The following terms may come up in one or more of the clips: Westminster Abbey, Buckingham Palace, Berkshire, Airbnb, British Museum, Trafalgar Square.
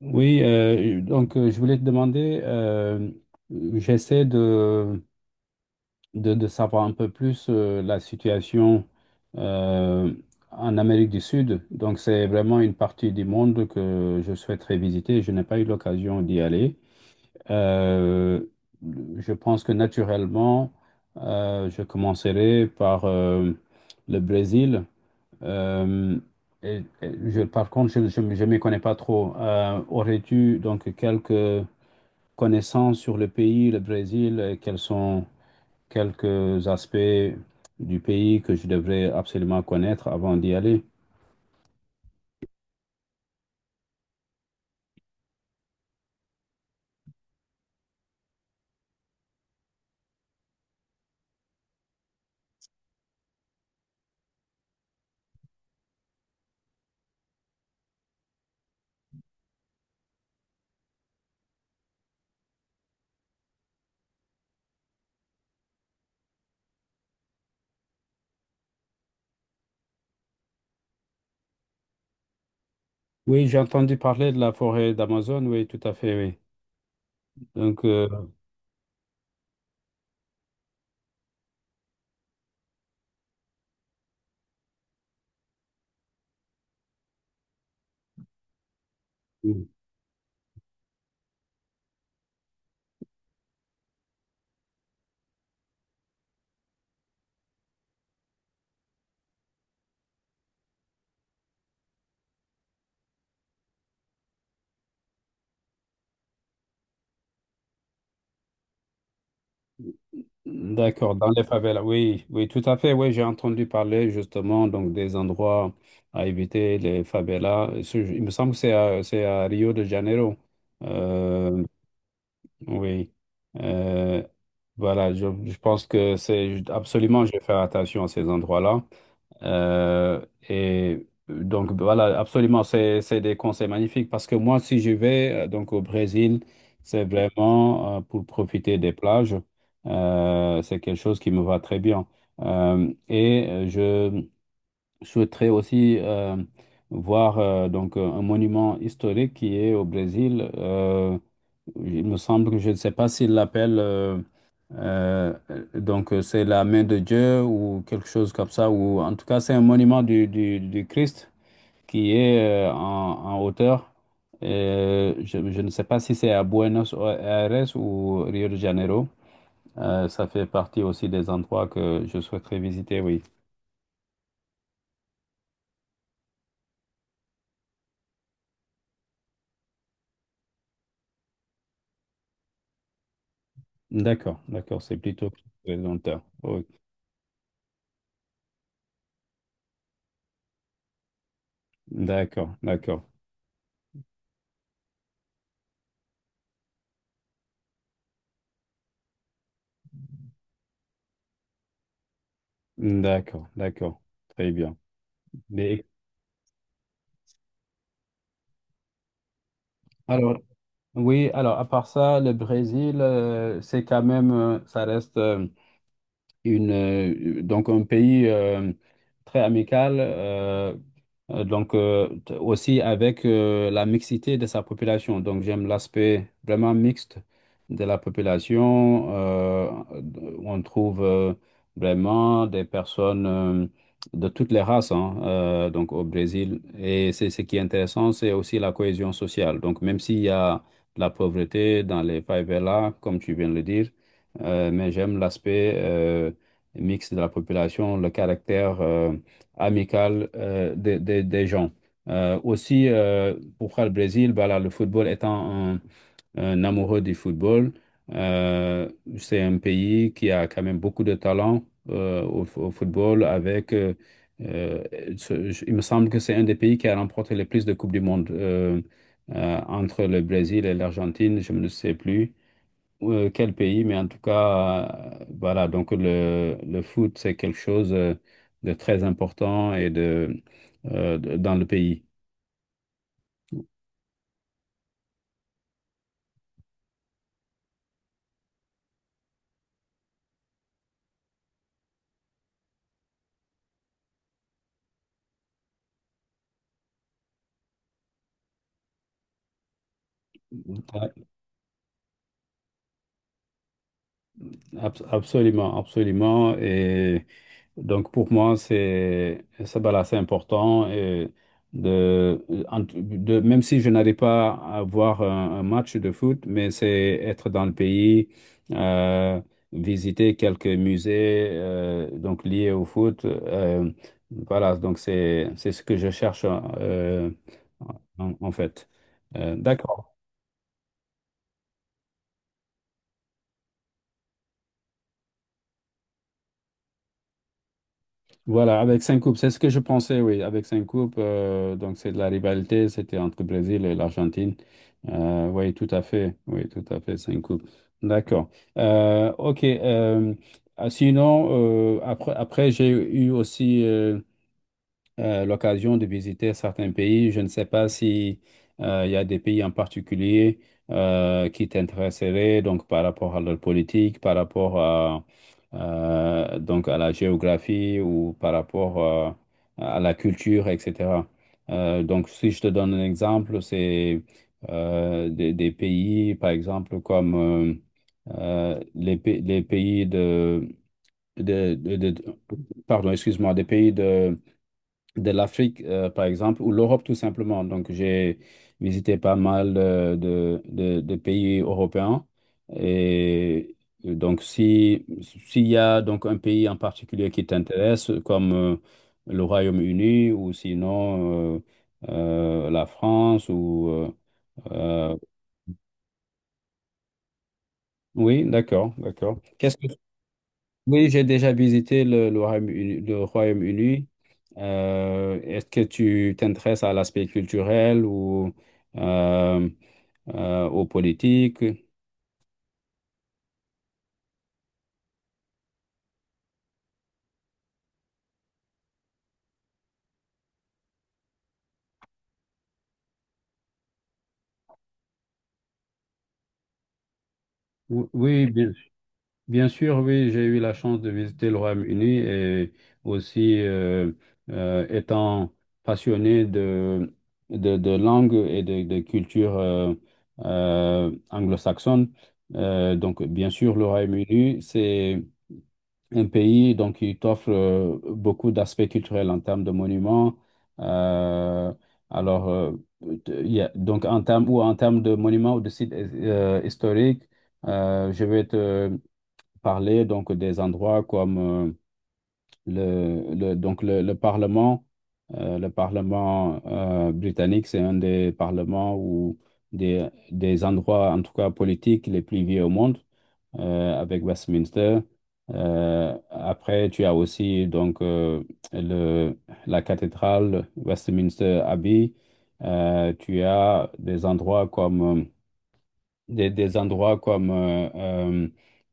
Oui, je voulais te demander, j'essaie de savoir un peu plus la situation euh, en Amérique du Sud. Donc c'est vraiment une partie du monde que je souhaiterais visiter. Je n'ai pas eu l'occasion d'y aller. Euh, je pense que naturellement, je commencerai par le Brésil. Euh, et je, par contre, je ne m'y connais pas trop. Aurais-tu donc quelques connaissances sur le pays, le Brésil, et quels sont quelques aspects du pays que je devrais absolument connaître avant d'y aller? Oui, j'ai entendu parler de la forêt d'Amazon, oui, tout à fait, oui. Donc, euh, D'accord, dans les favelas, oui, oui, tout à fait, oui, j'ai entendu parler justement donc des endroits à éviter, les favelas. Il me semble que c'est à Rio de Janeiro. Euh, oui, Euh, je pense que c'est absolument, je vais faire attention à ces endroits-là. Et donc voilà, absolument, c'est des conseils magnifiques parce que moi, si je vais donc au Brésil, c'est vraiment pour profiter des plages. C'est quelque chose qui me va très bien. Je souhaiterais aussi voir un monument historique qui est au Brésil. Il me semble que je ne sais pas s'il l'appelle, euh, c'est la main de Dieu ou quelque chose comme ça, ou en tout cas c'est un monument du Christ qui est en hauteur. Je ne sais pas si c'est à Buenos Aires ou Rio de Janeiro. Ça fait partie aussi des endroits que je souhaiterais visiter, oui. D'accord, d'accord, c'est plutôt longtemps. D'accord, d'accord, d'accord, d'accord. Très bien. Mais- alors, oui, alors à part ça, le Brésil, c'est quand même, ça reste donc un pays très amical, aussi avec la mixité de sa population. Donc j'aime l'aspect vraiment mixte de la population, où on trouve vraiment des personnes de toutes les races, hein, donc au Brésil. Et c'est ce qui est intéressant, c'est aussi la cohésion sociale. Donc même s'il y a de la pauvreté dans les favelas, comme tu viens de le dire, mais j'aime l'aspect mixte de la population, le caractère amical des gens. Pour faire le Brésil, voilà, le football étant un amoureux du football, euh, c'est un pays qui a quand même beaucoup de talent au football avec... euh, il me semble que c'est un des pays qui a remporté le plus de Coupes du Monde entre le Brésil et l'Argentine, je ne sais plus. Quel pays, mais en tout cas, voilà, donc le foot, c'est quelque chose de très important dans le pays. Ouais, absolument, absolument. Donc pour moi, c'est voilà, c'est important et de, en- de même si je n'arrive pas à voir un match de foot, mais c'est être dans le pays, euh, visiter quelques musées donc liés au foot. Voilà, donc c'est ce que je cherche en fait. D'accord. Voilà, avec cinq coupes, c'est ce que je pensais, oui, avec cinq coupes, donc c'est de la rivalité, c'était entre le Brésil et l'Argentine. Oui, tout à fait, oui, tout à fait, cinq coupes. D'accord. Ok. Sinon, après, après j'ai eu aussi l'occasion de visiter certains pays. Je ne sais pas si il y a des pays en particulier qui t'intéresseraient, donc par rapport à leur politique, par rapport à, donc à la géographie ou par rapport à la culture, etc. Donc, si je te donne un exemple, c'est des pays, par exemple, les pays de, de- de- pardon, excuse-moi, des pays de l'Afrique, par exemple, ou l'Europe tout simplement. Donc, j'ai visité pas mal de pays européens. Et donc, si, s'il y a donc un pays en particulier qui t'intéresse, comme le Royaume-Uni ou sinon la France ou... euh, oui, d'accord, d'accord. Qu'est-ce que Oui, j'ai déjà visité le Royaume-Uni, le Royaume-Uni. Est-ce que tu t'intéresses à l'aspect culturel ou euh, aux politiques? Oui, bien, bien sûr, oui, j'ai eu la chance de visiter le Royaume-Uni et aussi étant passionné de langue de culture anglo-saxonne. Donc, bien sûr, le Royaume-Uni, c'est un pays donc qui t'offre beaucoup d'aspects culturels en termes de monuments. euh, alors, euh, donc en termes ou en termes de monuments ou de sites historiques, je vais te parler donc des endroits comme donc le Parlement. Le Parlement britannique, c'est un des parlements ou des endroits, en tout cas politiques, les plus vieux au monde avec Westminster. Après, tu as aussi donc le, la cathédrale Westminster Abbey. Tu as des endroits des endroits comme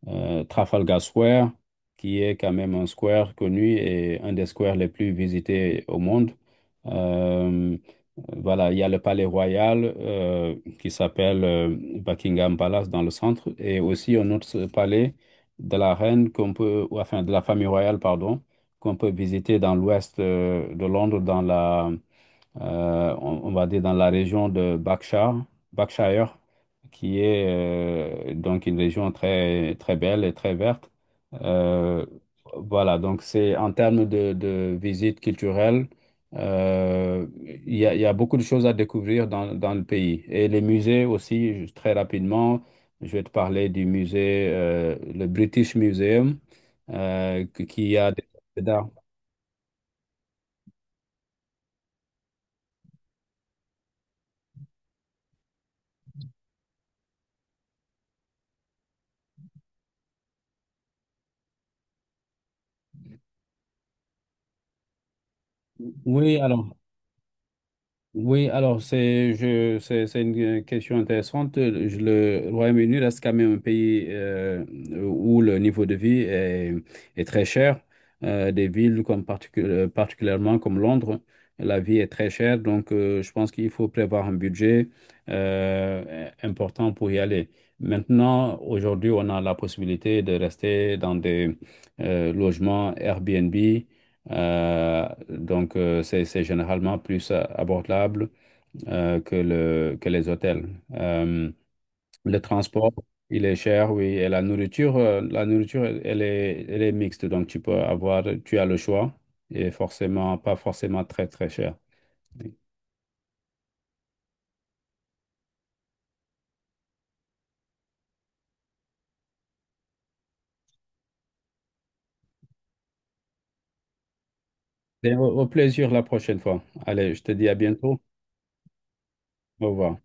Trafalgar Square, qui est quand même un square connu et un des squares les plus visités au monde. Euh, voilà, il y a le Palais Royal qui s'appelle Buckingham Palace dans le centre et aussi un autre palais de la reine qu'on peut, ou enfin de la famille royale, pardon, qu'on peut visiter dans l'ouest de Londres dans la on va dire dans la région de Berkshire, Berkshire, qui est donc une région très, très belle et très verte. Euh, voilà, donc c'est en termes de visite culturelle, euh, il y a beaucoup de choses à découvrir dans, dans le pays. Et les musées aussi, juste très rapidement, je vais te parler du musée, le British Museum, qui a des... d'art. Oui, alors. C'est une question intéressante. Le Royaume-Uni reste quand même un pays où le niveau de vie est, est très cher. Des villes comme particulièrement comme Londres, la vie est très chère. Donc je pense qu'il faut prévoir un budget important pour y aller. Maintenant, aujourd'hui, on a la possibilité de rester dans des logements Airbnb. C'est généralement plus abordable que les hôtels. Le transport, il est cher, oui, et la nourriture, elle est mixte, donc tu peux avoir, tu as le choix, et forcément, pas forcément très, très cher. Oui. Et au au plaisir la prochaine fois. Allez, je te dis à bientôt. Au revoir.